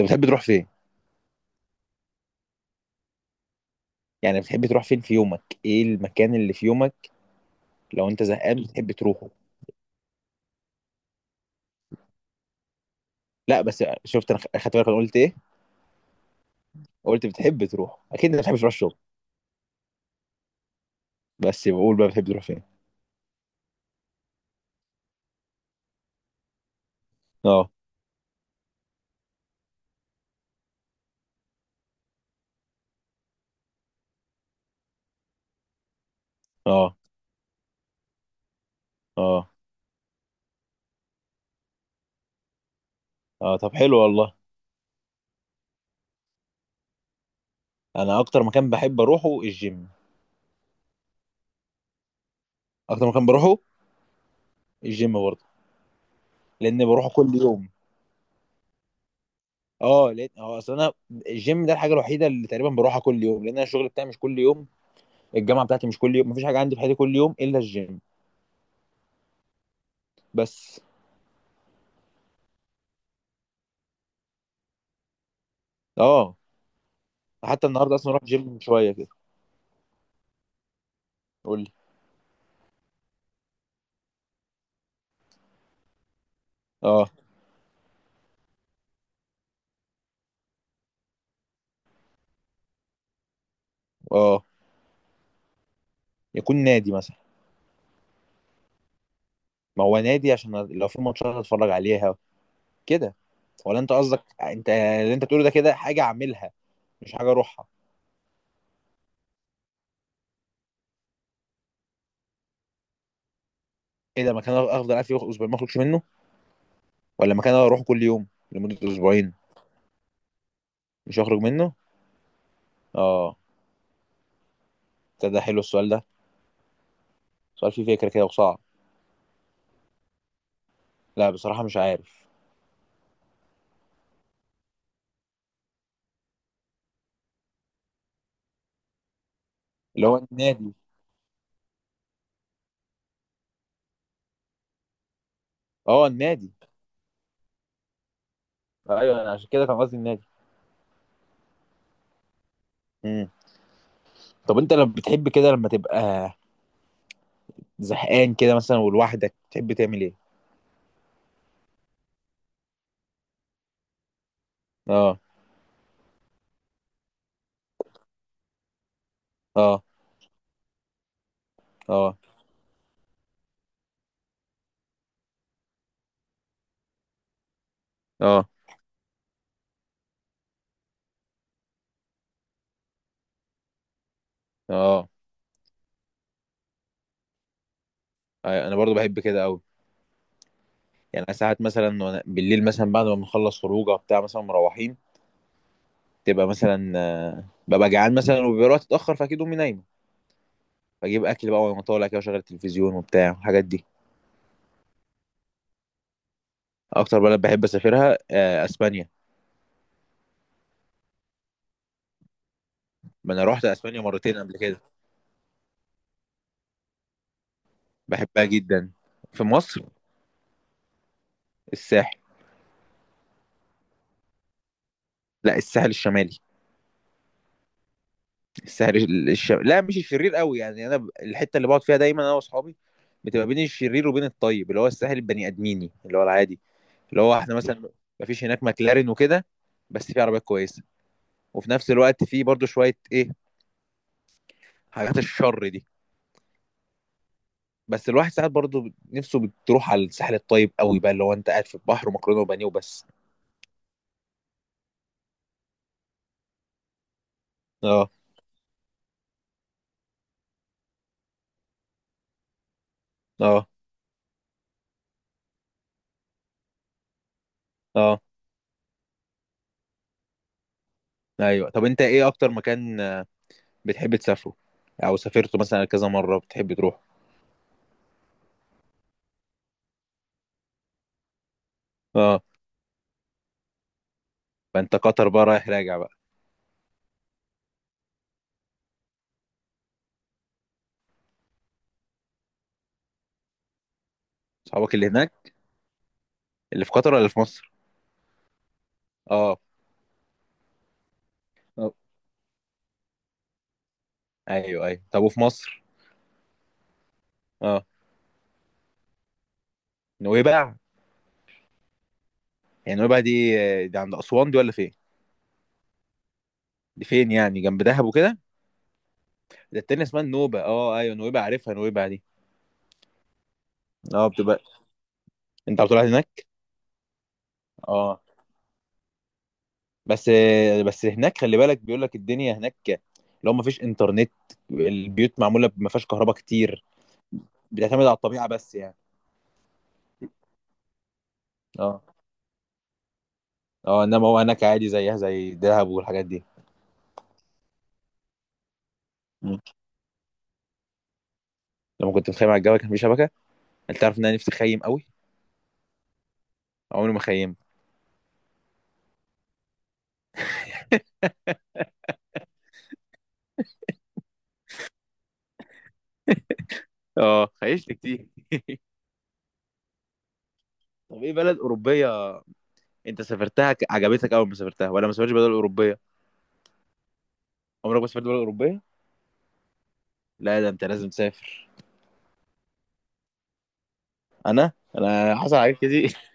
انت بتحب تروح فين؟ يعني بتحب تروح فين في يومك، ايه المكان اللي في يومك لو انت زهقان بتحب تروحه؟ لا بس شفت انا خدت بالك انا قلت ايه؟ قلت بتحب تروح، اكيد انت بتحب تروح الشغل، بس بقول بقى بتحب تروح فين؟ اه. اه. اه. اه طب حلو والله. انا اكتر مكان بحب اروحه الجيم. اكتر مكان بروحه الجيم برضه. لان بروحه كل يوم. اه لان اصل انا الجيم ده الحاجه الوحيده اللي تقريبا بروحها كل يوم، لان انا الشغل بتاعي مش كل يوم، الجامعه بتاعتي مش كل يوم، مفيش حاجه عندي في حياتي كل يوم الا الجيم. بس. اه حتى النهارده اصلا رحت جيم من شويه كده. قول لي. اه. اه. يكون نادي مثلا. ما هو نادي عشان لو في ماتشات هتفرج عليها كده. ولا انت قصدك انت اللي انت بتقوله ده كده حاجه اعملها، مش حاجه اروحها؟ ايه ده؟ مكان افضل قاعد فيه اسبوعين ما اخرجش منه، ولا مكان اروحه كل يوم لمده اسبوعين؟ مش هخرج منه. اه. ده حلو السؤال ده. سؤال فيه فكره كده وصعب. لا بصراحه مش عارف. اللي هو النادي. اه النادي. ايوه انا عشان كده كان قصدي النادي. امم طب انت لما بتحب كده لما تبقى زهقان كده مثلا ولوحدك تحب تعمل ايه؟ اه. اه. اه. اه. اه انا برضو بحب كده قوي. يعني أنا ساعات مثلا بالليل مثلا بعد ما بنخلص خروجه بتاع مثلا مروحين، تبقى مثلا ببقى جعان مثلا وبيبقى الوقت اتاخر، فاكيد امي نايمه. بجيب اكل بقى وانا طالع كده وشغل التلفزيون وبتاع الحاجات دي. اكتر بلد بحب اسافرها اسبانيا. ما انا رحت اسبانيا مرتين قبل كده. بحبها جدا. في مصر الساحل. لا، الساحل الشمالي. لا مش الشرير قوي، يعني انا الحته اللي بقعد فيها دايما انا واصحابي بتبقى بين الشرير وبين الطيب، اللي هو الساحل البني ادميني اللي هو العادي. اللي هو احنا مثلا مفيش هناك ماكلارين وكده، بس في عربيات كويسه، وفي نفس الوقت في برضو شويه ايه حاجات الشر دي. بس الواحد ساعات برضو نفسه بتروح على الساحل الطيب قوي بقى، اللي هو انت قاعد في البحر ومكرونه وبانيه وبس. اه. اه. اه. ايوه طب انت ايه اكتر مكان بتحب تسافره، او سافرته مثلا كذا مره بتحب تروح؟ اه. فانت قطر بقى رايح راجع بقى؟ صحابك اللي هناك اللي في قطر ولا في مصر؟ اه. آه، ايوه، ايوه طب وفي مصر؟ اه نويبع. يعني نويبع دي، دي عند اسوان دي ولا فين؟ دي فين يعني، جنب دهب وكده؟ ده التانية اسمها النوبة. اه ايوه نويبع، عارفها نويبع دي. اه بتبقى، انت بتروح هناك؟ اه. بس بس هناك خلي بالك، بيقول لك الدنيا هناك لو ما فيش انترنت، البيوت معمولة ما فيهاش كهرباء كتير، بتعتمد على الطبيعة بس يعني. اه. اه انما هو هناك عادي زيها زي دهب والحاجات دي. مم. لما كنت متخيم على الجبل كان في شبكة. انت عارف ان انا نفسي اخيم قوي. عمري ما خيمت. اه خيشت كتير. طب ايه بلد اوروبيه انت سافرتها عجبتك اول ما سافرتها، ولا ما سافرتش بلد اوروبيه؟ عمرك ما سافرت بلد اوروبيه؟ لا ده انت لازم تسافر. انا انا حصل حاجات كتير.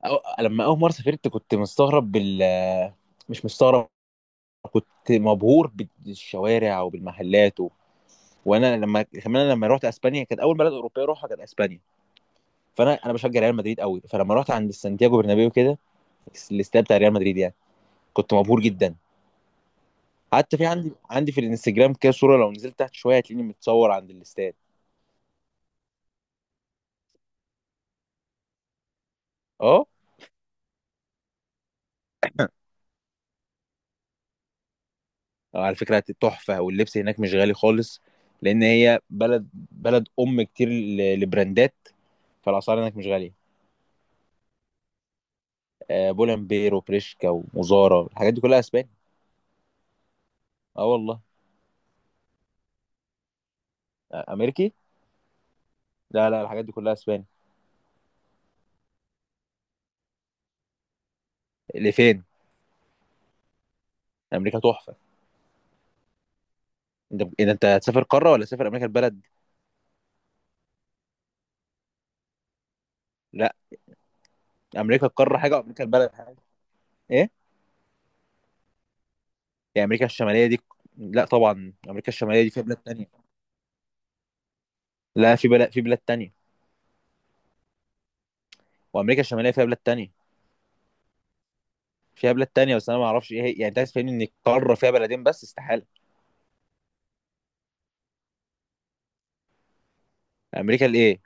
لما اول مره سافرت كنت مستغرب مش مستغرب، كنت مبهور بالشوارع وبالمحلات وانا لما كمان لما رحت اسبانيا كانت اول بلد اوروبيه اروحها كانت اسبانيا. فانا بشجع ريال مدريد قوي، فلما رحت عند سانتياغو برنابيو كده الاستاد بتاع ريال مدريد يعني، كنت مبهور جدا. حتى في عندي في الانستجرام كده صوره، لو نزلت تحت شويه هتلاقيني متصور عند الاستاد. اه على فكره تحفه، واللبس هناك مش غالي خالص. لان هي بلد ام كتير لبراندات، فالاسعار هناك مش غاليه. بولنبير وبريشكا ومزارا الحاجات دي كلها اسباني. اه والله. امريكي. لا، لا، الحاجات دي كلها اسباني. لفين؟ امريكا تحفه. انت إذا انت هتسافر قاره ولا تسافر امريكا البلد؟ لا، امريكا القاره حاجه وامريكا البلد حاجه. ايه يعني امريكا الشماليه دي؟ لا طبعا امريكا الشماليه دي فيها بلاد تانية. لا في بلاد تانية. وامريكا الشماليه فيها بلاد تانية. بس انا ما اعرفش ايه هي، يعني انت عايز تفهمني ان القاره فيها بلدين بس؟ استحاله. امريكا الايه؟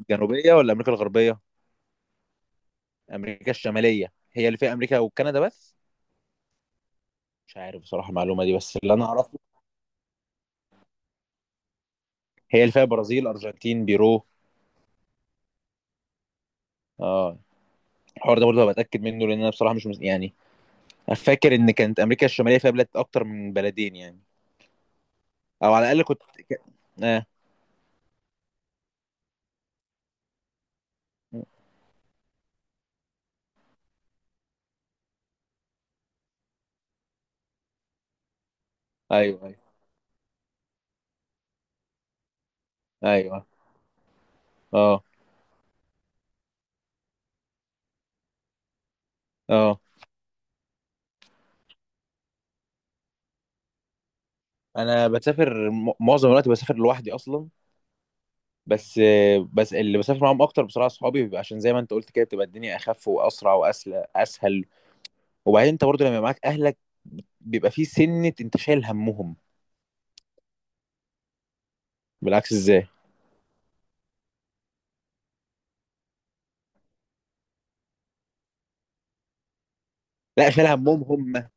الجنوبيه ولا امريكا الغربيه؟ امريكا الشماليه هي اللي فيها امريكا وكندا بس؟ مش عارف بصراحه المعلومه دي، بس اللي انا اعرفه، هي اللي فيها برازيل، ارجنتين، بيرو. اه. الحوار ده برضه هبقى اتاكد منه، لان انا بصراحه مش مس... يعني، أنا فاكر ان كانت امريكا الشماليه فيها بلاد اكتر من بلدين يعني، او على الاقل كنت ك- اه. ايوه، ايوه، ايوه. اه. اه انا بسافر معظم الوقت بسافر لوحدي اصلا. بس بس اللي بسافر معاهم اكتر بصراحه اصحابي، بيبقى عشان زي ما انت قلت كده بتبقى الدنيا اخف واسرع واسهل اسهل. وبعدين انت برضه لما يبقى معاك اهلك، بيبقى في سنه انت شايل همهم. بالعكس ازاي؟ لا شايل همهم، هم.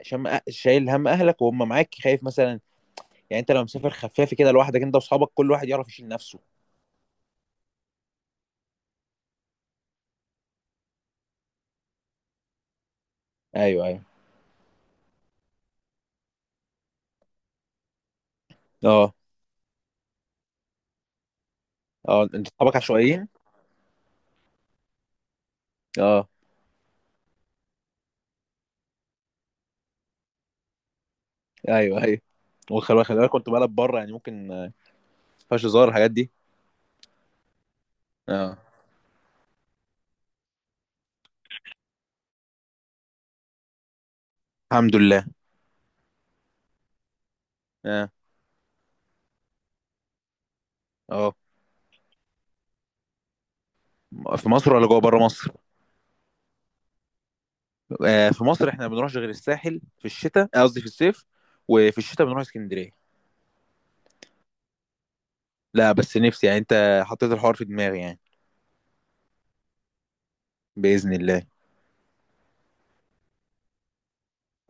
عشان شايل هم اهلك وهم معاك خايف مثلا. يعني انت لو مسافر خفافي كده لوحدك انت واصحابك كل واحد يعرف يشيل نفسه. ايوه، ايوه. اه. اه انت اصحابك عشوائيين. اه. ايوه، ايوه. وخلي بالك كنت بلعب بره يعني ممكن ما فيهاش هزار الحاجات دي. اه. الحمد لله. اه. اه في مصر ولا جوه بره مصر؟ آه في مصر احنا ما بنروحش غير الساحل في الشتاء، قصدي في الصيف، وفي الشتاء بنروح اسكندريه. لا بس نفسي يعني، انت حطيت الحوار في دماغي يعني. باذن الله.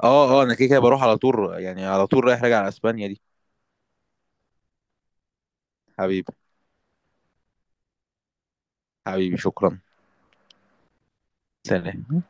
اه. اه انا كده كده بروح على طول يعني، على طول رايح راجع على اسبانيا دي. حبيبي. حبيبي شكرا. سلام.